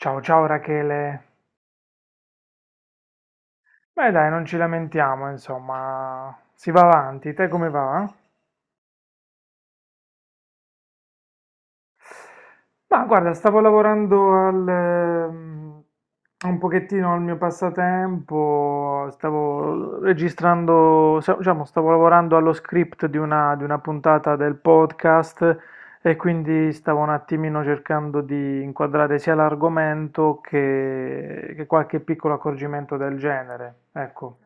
Ciao ciao Rachele. Beh dai, non ci lamentiamo, insomma, si va avanti. Te come va? Ma guarda, stavo lavorando al, un pochettino al mio passatempo, stavo registrando, diciamo, stavo lavorando allo script di una puntata del podcast e quindi stavo un attimino cercando di inquadrare sia l'argomento che qualche piccolo accorgimento del genere. Ecco.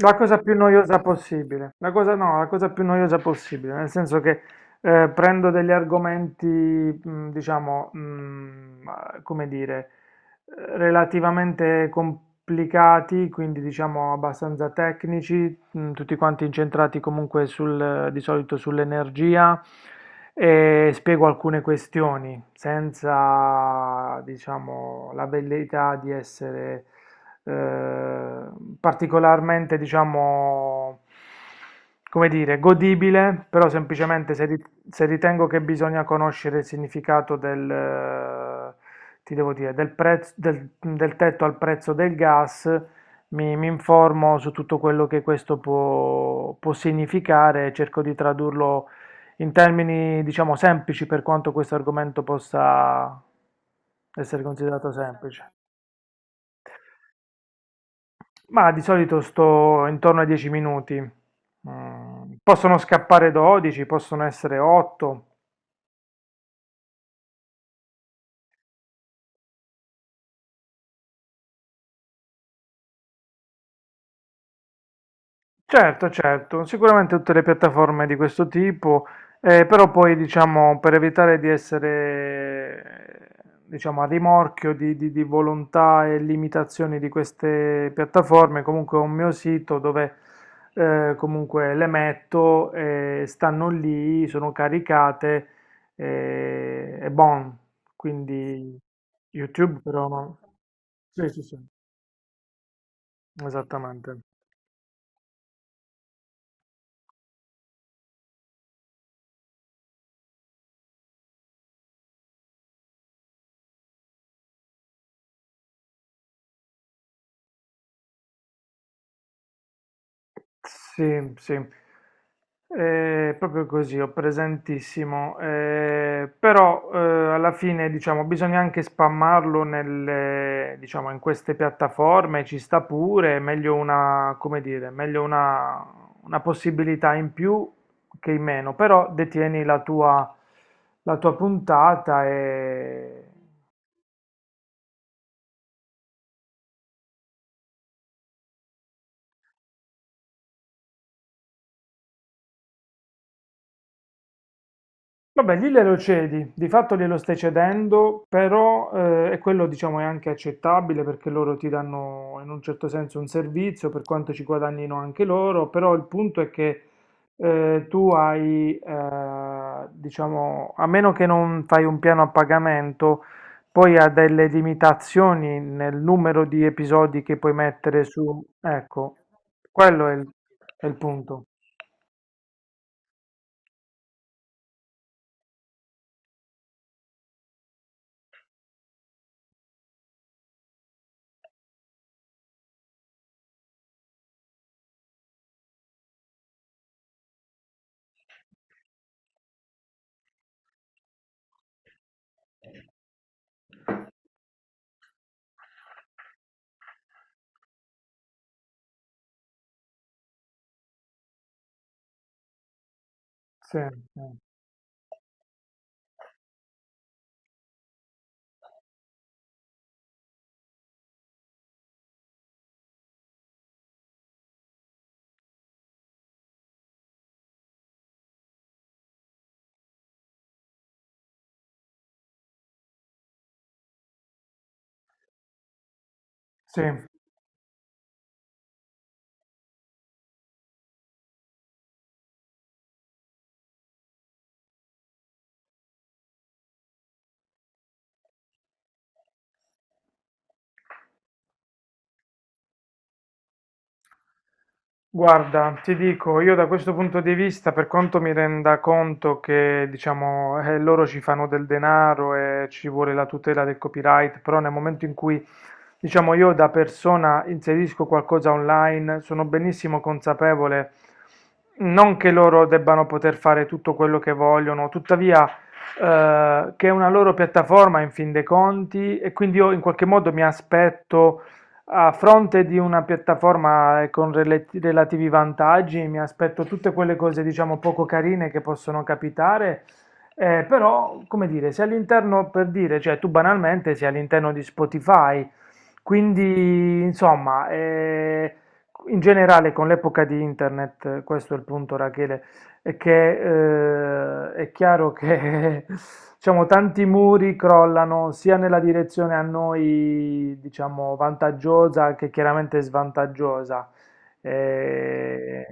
La cosa più noiosa possibile, la cosa, no, la cosa più noiosa possibile, nel senso che prendo degli argomenti, diciamo, come dire, relativamente complicati, quindi diciamo abbastanza tecnici, tutti quanti incentrati comunque sul, di solito sull'energia e spiego alcune questioni senza, diciamo, la velleità di essere eh, particolarmente, diciamo, come dire, godibile, però semplicemente se ritengo che bisogna conoscere il significato del, ti devo dire, del prezzo, del tetto al prezzo del gas mi informo su tutto quello che questo può significare e cerco di tradurlo in termini, diciamo, semplici per quanto questo argomento possa essere considerato semplice. Ma di solito sto intorno ai 10 minuti. Mm, possono scappare 12, possono essere 8. Certo, certo, sicuramente tutte le piattaforme di questo tipo, però poi diciamo per evitare di essere diciamo, a rimorchio di volontà e limitazioni di queste piattaforme, comunque ho un mio sito dove comunque le metto, stanno lì, sono caricate e bon, quindi YouTube però no. Sì, sì, sì, esattamente. Sì, sì, eh, proprio così, ho presentissimo. Però alla fine diciamo bisogna anche spammarlo nelle, diciamo, in queste piattaforme, ci sta pure, è meglio una, come dire, meglio una possibilità in più che in meno, però detieni la tua puntata e vabbè, lì glielo cedi, di fatto glielo stai cedendo, però e quello diciamo è anche accettabile perché loro ti danno in un certo senso un servizio per quanto ci guadagnino anche loro, però il punto è che tu hai, diciamo, a meno che non fai un piano a pagamento, poi ha delle limitazioni nel numero di episodi che puoi mettere su, ecco, quello è il, è il punto. Sì, sì. Sì. Guarda, ti dico, io da questo punto di vista, per quanto mi renda conto che, diciamo, loro ci fanno del denaro e ci vuole la tutela del copyright, però nel momento in cui, diciamo, io da persona inserisco qualcosa online, sono benissimo consapevole, non che loro debbano poter fare tutto quello che vogliono, tuttavia, che è una loro piattaforma in fin dei conti e quindi io in qualche modo mi aspetto a fronte di una piattaforma con relativi vantaggi, mi aspetto tutte quelle cose, diciamo, poco carine che possono capitare, però, come dire, se all'interno, per dire, cioè tu banalmente sei all'interno di Spotify, quindi, insomma, in generale con l'epoca di internet, questo è il punto, Rachele, è che è chiaro che diciamo, tanti muri crollano sia nella direzione a noi diciamo, vantaggiosa che chiaramente svantaggiosa. Eh,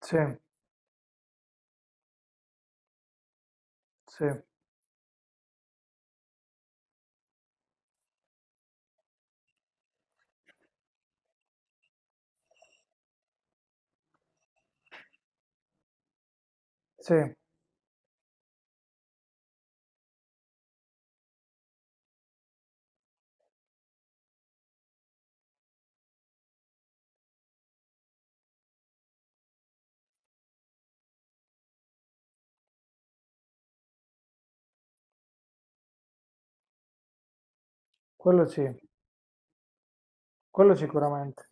sì, sì, sì, sì, quello sicuramente.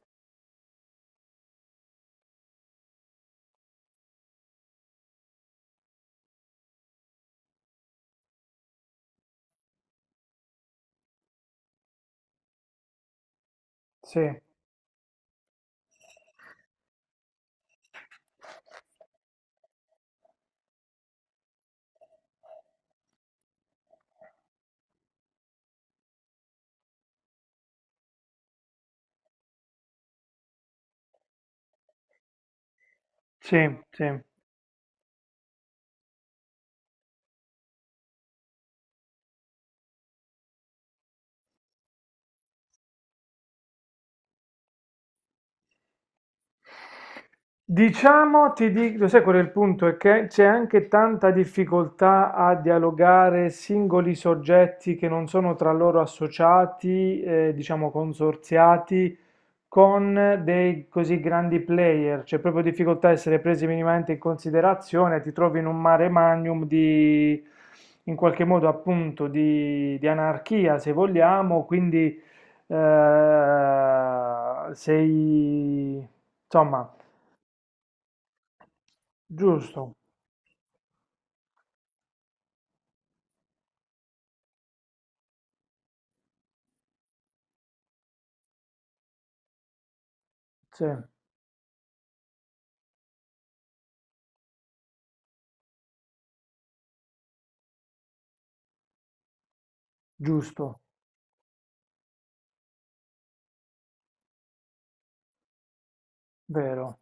Sì, sì, sì. Diciamo, ti dico, sai qual è il punto? È che c'è anche tanta difficoltà a dialogare singoli soggetti che non sono tra loro associati, diciamo consorziati, con dei così grandi player. C'è proprio difficoltà a essere presi minimamente in considerazione, ti trovi in un mare magnum di, in qualche modo appunto, di anarchia, se vogliamo, quindi eh, sei, insomma... Giusto, sì, giusto, vero,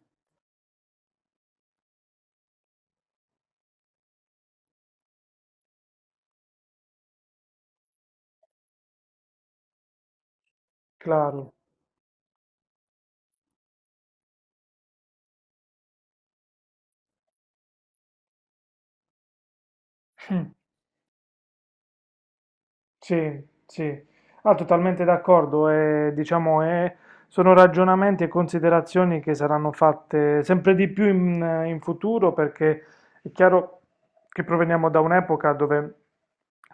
claro. Sì, sì, ah, totalmente d'accordo. E, diciamo, sono ragionamenti e considerazioni che saranno fatte sempre di più in futuro perché è chiaro che proveniamo da un'epoca dove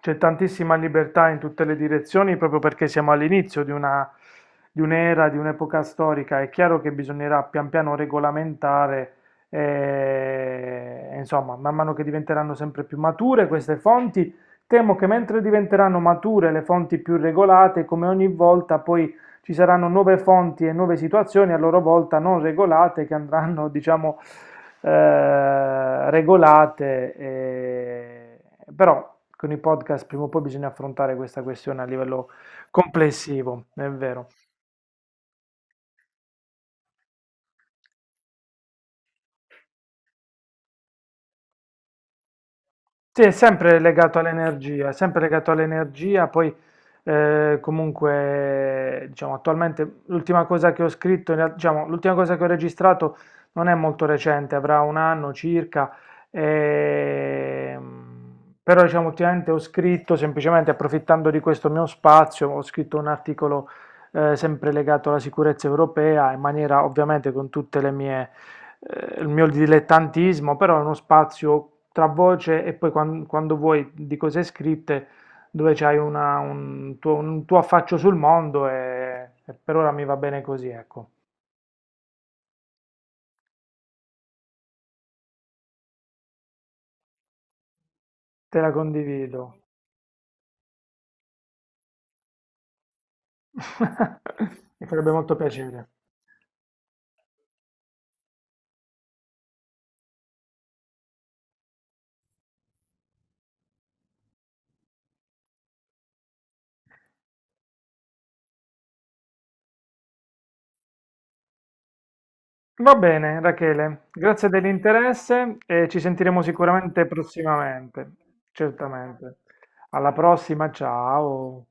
c'è tantissima libertà in tutte le direzioni proprio perché siamo all'inizio di una, di un'era, di un'epoca storica. È chiaro che bisognerà pian piano regolamentare, insomma, man mano che diventeranno sempre più mature queste fonti. Temo che mentre diventeranno mature le fonti più regolate, come ogni volta poi ci saranno nuove fonti e nuove situazioni a loro volta non regolate che andranno, diciamo, regolate. Però con i podcast prima o poi bisogna affrontare questa questione a livello complessivo, è vero. Sì, è sempre legato all'energia, è sempre legato all'energia, poi comunque diciamo attualmente l'ultima cosa che ho scritto, diciamo l'ultima cosa che ho registrato non è molto recente, avrà un anno circa, ehm, però diciamo ultimamente ho scritto semplicemente approfittando di questo mio spazio, ho scritto un articolo sempre legato alla sicurezza europea in maniera ovviamente con tutte le mie il mio dilettantismo, però è uno spazio tra voce e poi quando, vuoi di cose scritte dove c'hai un tuo affaccio sul mondo e per ora mi va bene così, ecco. Te la condivido. Mi farebbe molto piacere. Va bene, Rachele, grazie dell'interesse e ci sentiremo sicuramente prossimamente, certamente. Alla prossima, ciao.